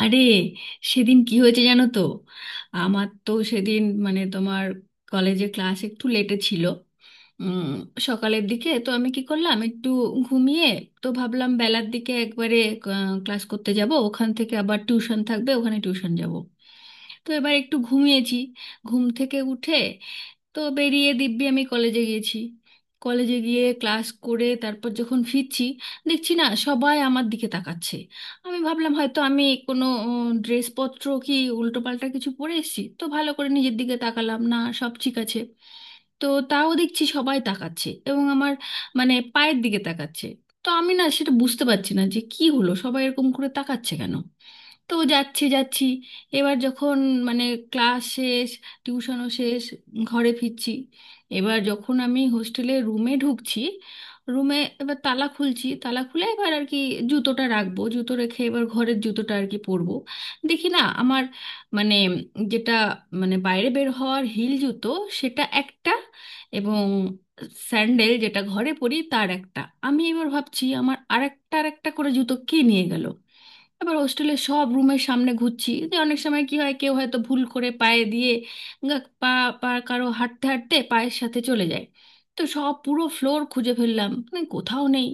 আরে, সেদিন কি হয়েছে জানো তো। আমার তো সেদিন মানে তোমার কলেজে ক্লাস একটু লেটে ছিল। উম, সকালের দিকে তো আমি কি করলাম, একটু ঘুমিয়ে। তো ভাবলাম বেলার দিকে একবারে ক্লাস করতে যাব, ওখান থেকে আবার টিউশন থাকবে, ওখানে টিউশন যাব। তো এবার একটু ঘুমিয়েছি, ঘুম থেকে উঠে তো বেরিয়ে দিব্যি আমি কলেজে গিয়েছি। কলেজে গিয়ে ক্লাস করে তারপর যখন ফিরছি, দেখছি না সবাই আমার দিকে তাকাচ্ছে। আমি ভাবলাম হয়তো আমি কোনো ড্রেসপত্র কি উল্টোপাল্টা কিছু পরে এসেছি, তো ভালো করে নিজের দিকে তাকালাম, না সব ঠিক আছে। তো তাও দেখছি সবাই তাকাচ্ছে, এবং আমার মানে পায়ের দিকে তাকাচ্ছে। তো আমি না সেটা বুঝতে পারছি না যে কি হলো, সবাই এরকম করে তাকাচ্ছে কেন। তো যাচ্ছি যাচ্ছি, এবার যখন মানে ক্লাস শেষ, টিউশনও শেষ, ঘরে ফিরছি। এবার যখন আমি হোস্টেলে রুমে ঢুকছি, রুমে এবার তালা খুলছি, তালা খুলে এবার আর কি জুতোটা রাখবো, জুতো রেখে এবার ঘরের জুতোটা আর কি পরবো। দেখি না আমার মানে যেটা মানে বাইরে বের হওয়ার হিল জুতো, সেটা একটা, এবং স্যান্ডেল যেটা ঘরে পরি তার একটা। আমি এবার ভাবছি আমার আরেকটা আরেকটা করে জুতো কে নিয়ে গেল। আবার হোস্টেলের সব রুমের সামনে ঘুরছি, যে অনেক সময় কি হয়, কেউ হয়তো ভুল করে পায়ে দিয়ে, পা, পা কারো হাঁটতে হাঁটতে পায়ের সাথে চলে যায়। তো সব পুরো ফ্লোর খুঁজে ফেললাম, মানে কোথাও নেই।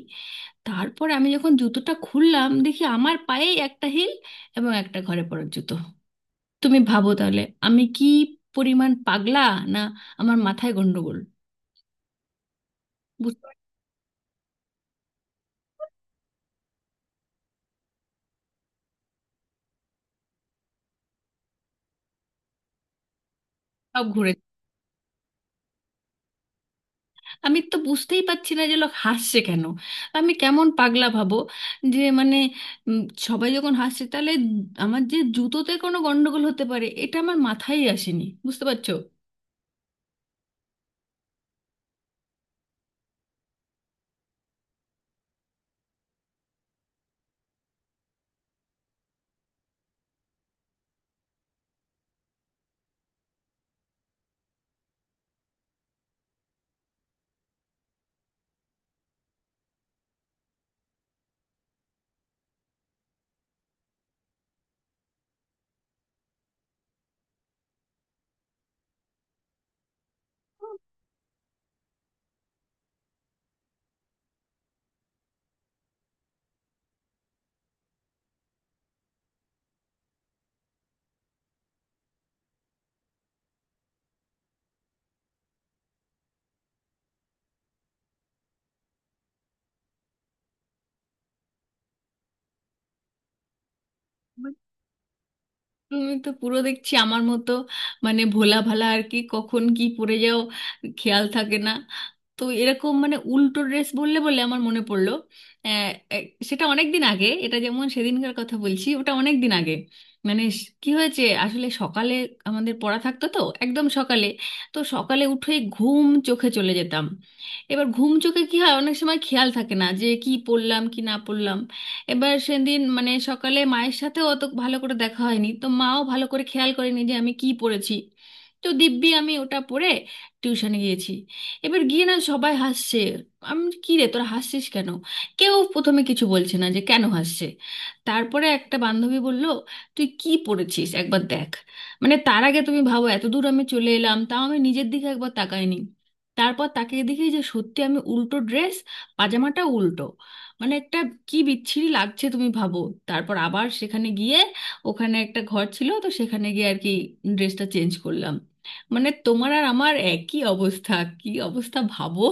তারপর আমি যখন জুতোটা খুললাম, দেখি আমার পায়েই একটা হিল এবং একটা ঘরে পড়ার জুতো। তুমি ভাবো তাহলে আমি কি পরিমাণ পাগলা, না আমার মাথায় গন্ডগোল। বুঝতে পারছি, সব ঘুরে। আমি তো বুঝতেই পারছি না যে লোক হাসছে কেন। আমি কেমন পাগলা ভাবো, যে মানে উম, সবাই যখন হাসছে, তাহলে আমার যে জুতোতে কোনো গন্ডগোল হতে পারে, এটা আমার মাথায় আসেনি, বুঝতে পারছো। But তুমি তো পুরো দেখছি আমার মতো, মানে ভোলা ভালা আর কি, কখন কি পড়ে যাও খেয়াল থাকে না। তো এরকম মানে উল্টো ড্রেস বললে বলে আমার মনে পড়লো। আহ, সেটা অনেক দিন আগে, এটা যেমন সেদিনকার কথা বলছি, ওটা অনেক দিন আগে। মানে কি হয়েছে আসলে, সকালে আমাদের পড়া থাকতো তো, একদম সকালে। তো সকালে উঠে ঘুম চোখে চলে যেতাম। এবার ঘুম চোখে কি হয়, অনেক সময় খেয়াল থাকে না যে কি পড়লাম কি না পড়লাম। এবার সেদিন মানে সকালে মায়ের সাথেও অত ভালো করে দেখা হয়নি, তো মাও ভালো করে খেয়াল করেনি যে আমি কি পড়েছি। তো দিব্যি আমি ওটা পড়ে টিউশনে গিয়েছি। এবার গিয়ে না সবাই হাসছে। আমি বলছি, কি রে তোরা হাসছিস কেন। কেউ প্রথমে কিছু বলছে না যে কেন হাসছে। তারপরে একটা বান্ধবী বলল, তুই কি পড়েছিস একবার দেখ। মানে তার আগে তুমি ভাবো, এত দূর আমি চলে এলাম, তাও আমি নিজের দিকে একবার তাকাইনি। তারপর তাকে দেখি যে সত্যি আমি উল্টো ড্রেস, পাজামাটা উল্টো, মানে একটা কি বিচ্ছিরি লাগছে তুমি ভাবো। তারপর আবার সেখানে গিয়ে, ওখানে একটা ঘর ছিল তো সেখানে গিয়ে আর কি ড্রেসটা চেঞ্জ করলাম। মানে তোমার আর আমার একই অবস্থা। কি অবস্থা ভাবো।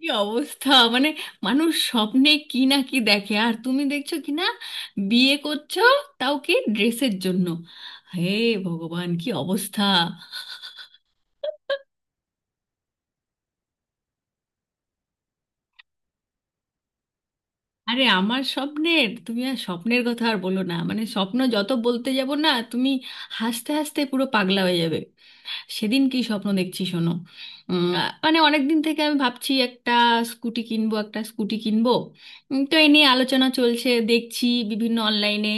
কি অবস্থা, মানে মানুষ স্বপ্নে কি না কি দেখে, আর তুমি দেখছো কি না বিয়ে করছো, তাও কি ড্রেসের জন্য। হে ভগবান, কি অবস্থা। আরে আমার স্বপ্নের, তুমি আর স্বপ্নের কথা আর বলো না, মানে স্বপ্ন যত বলতে যাব না, তুমি হাসতে হাসতে পুরো পাগলা হয়ে যাবে। সেদিন কি স্বপ্ন দেখছি শোনো। উম, মানে অনেক দিন থেকে আমি ভাবছি একটা স্কুটি কিনবো। তো এ নিয়ে আলোচনা চলছে, দেখছি বিভিন্ন অনলাইনে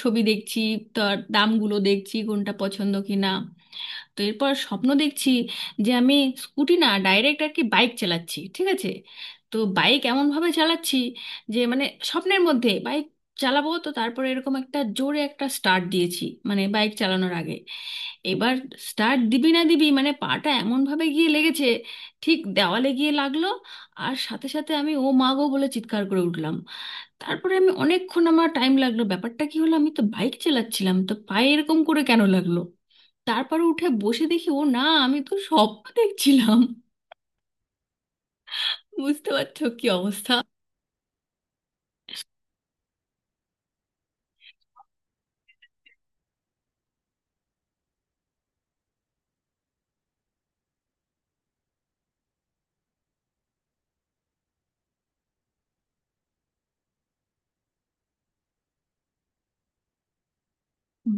ছবি দেখছি, তার দামগুলো দেখছি কোনটা পছন্দ কিনা। তো এরপর স্বপ্ন দেখছি যে আমি স্কুটি না, ডাইরেক্ট আর কি বাইক চালাচ্ছি, ঠিক আছে। তো বাইক এমনভাবে চালাচ্ছি যে মানে স্বপ্নের মধ্যে বাইক চালাবো, তো তারপরে এরকম একটা জোরে একটা স্টার্ট দিয়েছি মানে বাইক চালানোর আগে। এবার স্টার্ট দিবি না দিবি, মানে পাটা এমনভাবে গিয়ে লেগেছে, ঠিক দেওয়ালে গিয়ে লাগলো। আর সাথে সাথে আমি ও মা গো বলে চিৎকার করে উঠলাম। তারপরে আমি অনেকক্ষণ, আমার টাইম লাগলো ব্যাপারটা কি হলো, আমি তো বাইক চালাচ্ছিলাম, তো পায়ে এরকম করে কেন লাগলো। তারপর উঠে বসে দেখি ও না, আমি তো স্বপ্ন দেখছিলাম। বুঝতে পারছো কি অবস্থা।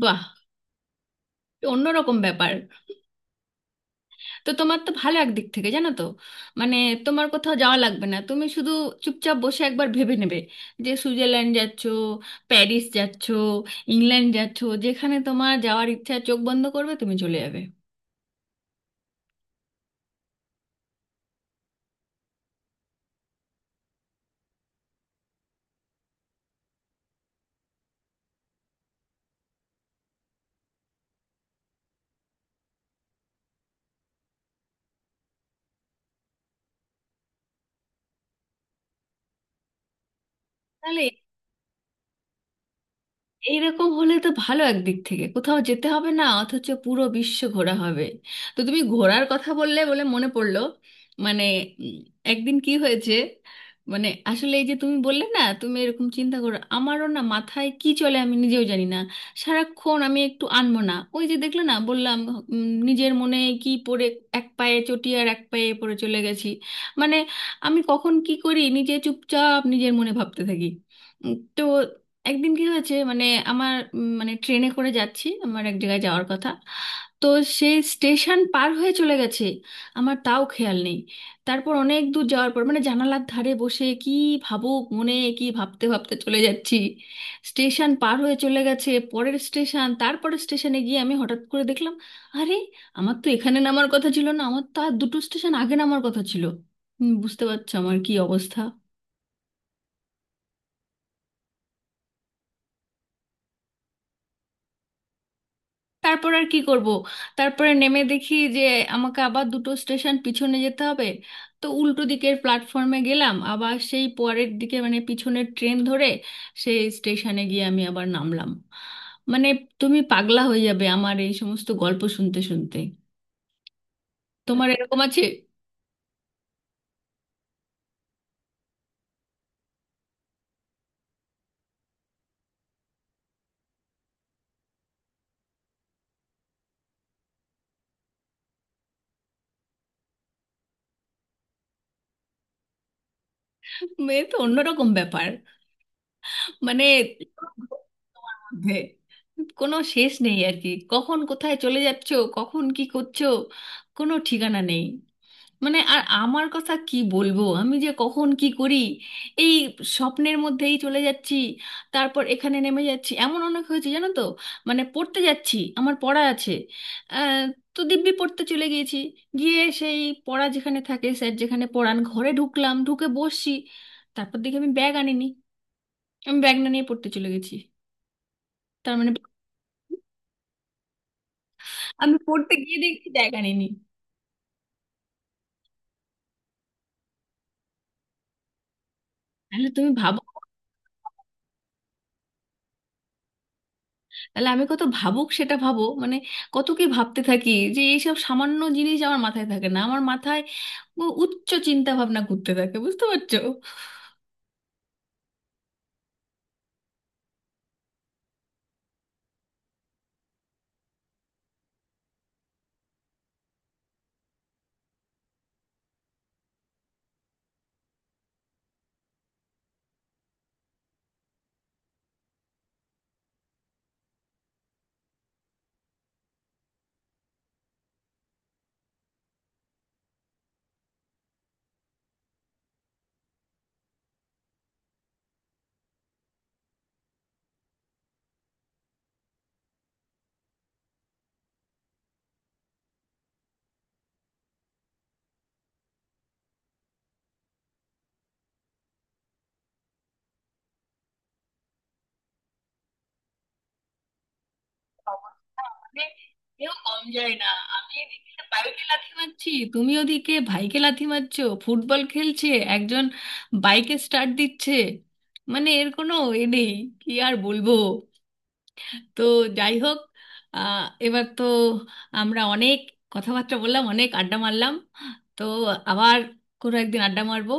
বাহ, অন্যরকম ব্যাপার। তো তোমার তো ভালো একদিক থেকে জানো তো, মানে তোমার কোথাও যাওয়া লাগবে না, তুমি শুধু চুপচাপ বসে একবার ভেবে নেবে যে সুইজারল্যান্ড যাচ্ছো, প্যারিস যাচ্ছো, ইংল্যান্ড যাচ্ছো, যেখানে তোমার যাওয়ার ইচ্ছা চোখ বন্ধ করবে তুমি চলে যাবে। তাহলে এইরকম হলে তো ভালো, একদিক থেকে কোথাও যেতে হবে না, অথচ পুরো বিশ্ব ঘোরা হবে। তো তুমি ঘোরার কথা বললে বলে মনে পড়লো। মানে উম, একদিন কি হয়েছে, মানে আসলে এই যে তুমি বললে না তুমি এরকম চিন্তা করো, আমারও না মাথায় কি চলে আমি নিজেও জানি না। সারাক্ষণ আমি একটু আনমনা, ওই যে দেখলে না বললাম নিজের মনে কি পড়ে, এক পায়ে চটি আর এক পায়ে পড়ে চলে গেছি। মানে আমি কখন কি করি নিজে চুপচাপ নিজের মনে ভাবতে থাকি। তো একদিন কি হয়েছে মানে, আমার মানে ট্রেনে করে যাচ্ছি, আমার এক জায়গায় যাওয়ার কথা। তো সেই স্টেশন পার হয়ে চলে গেছে, আমার তাও খেয়াল নেই। তারপর অনেক দূর যাওয়ার পর মানে জানালার ধারে বসে কি ভাবুক মনে কি ভাবতে ভাবতে চলে যাচ্ছি, স্টেশন পার হয়ে চলে গেছে পরের স্টেশন, তারপরের স্টেশনে গিয়ে আমি হঠাৎ করে দেখলাম, আরে আমার তো এখানে নামার কথা ছিল না, আমার তো আর দুটো স্টেশন আগে নামার কথা ছিল। বুঝতে পারছো আমার কি অবস্থা। তারপর আর কি করব, তারপরে নেমে দেখি যে আমাকে আবার দুটো স্টেশন পিছনে যেতে হবে। তো উল্টো দিকের প্ল্যাটফর্মে গেলাম, আবার সেই পরের দিকে মানে পিছনের ট্রেন ধরে সেই স্টেশনে গিয়ে আমি আবার নামলাম। মানে তুমি পাগলা হয়ে যাবে আমার এই সমস্ত গল্প শুনতে শুনতে। তোমার এরকম আছে? এ তো অন্যরকম ব্যাপার। মানে তোমার মধ্যে কোনো শেষ নেই আর কি, কখন কোথায় চলে যাচ্ছো, কখন কি করছো, কোনো ঠিকানা নেই। মানে আর আমার কথা কি বলবো, আমি যে কখন কি করি, এই স্বপ্নের মধ্যেই চলে যাচ্ছি, তারপর এখানে নেমে যাচ্ছি, এমন অনেক হয়েছে জানো তো। মানে পড়তে যাচ্ছি, আমার পড়া আছে, আহ, তো দিব্যি পড়তে চলে গিয়েছি। গিয়ে সেই পড়া যেখানে থাকে, স্যার যেখানে পড়ান ঘরে ঢুকলাম, ঢুকে বসছি, তারপর দেখি আমি ব্যাগ আনিনি। আমি ব্যাগ না নিয়ে পড়তে চলে গেছি, তার মানে। আমি পড়তে গিয়ে দেখছি ব্যাগ আনিনি। তাহলে তুমি ভাবো, তাহলে আমি কত ভাবুক সেটা ভাবো, মানে কত কি ভাবতে থাকি যে এইসব সামান্য জিনিস আমার মাথায় থাকে না। আমার মাথায় উচ্চ চিন্তা ভাবনা ঘুরতে থাকে, বুঝতে পারছো। অবস্থা আমাদের, কেউ কম যায় না। আমি এদিকে বাইকে লাথি মারছি, তুমি ওদিকে ভাইকে লাথি মারছো ফুটবল খেলছে, একজন বাইকে স্টার্ট দিচ্ছে। মানে এর কোনো এ নেই, কি আর বলবো। তো যাই হোক, আহ, এবার তো আমরা অনেক কথাবার্তা বললাম, অনেক আড্ডা মারলাম। তো আবার কোনো একদিন আড্ডা মারবো।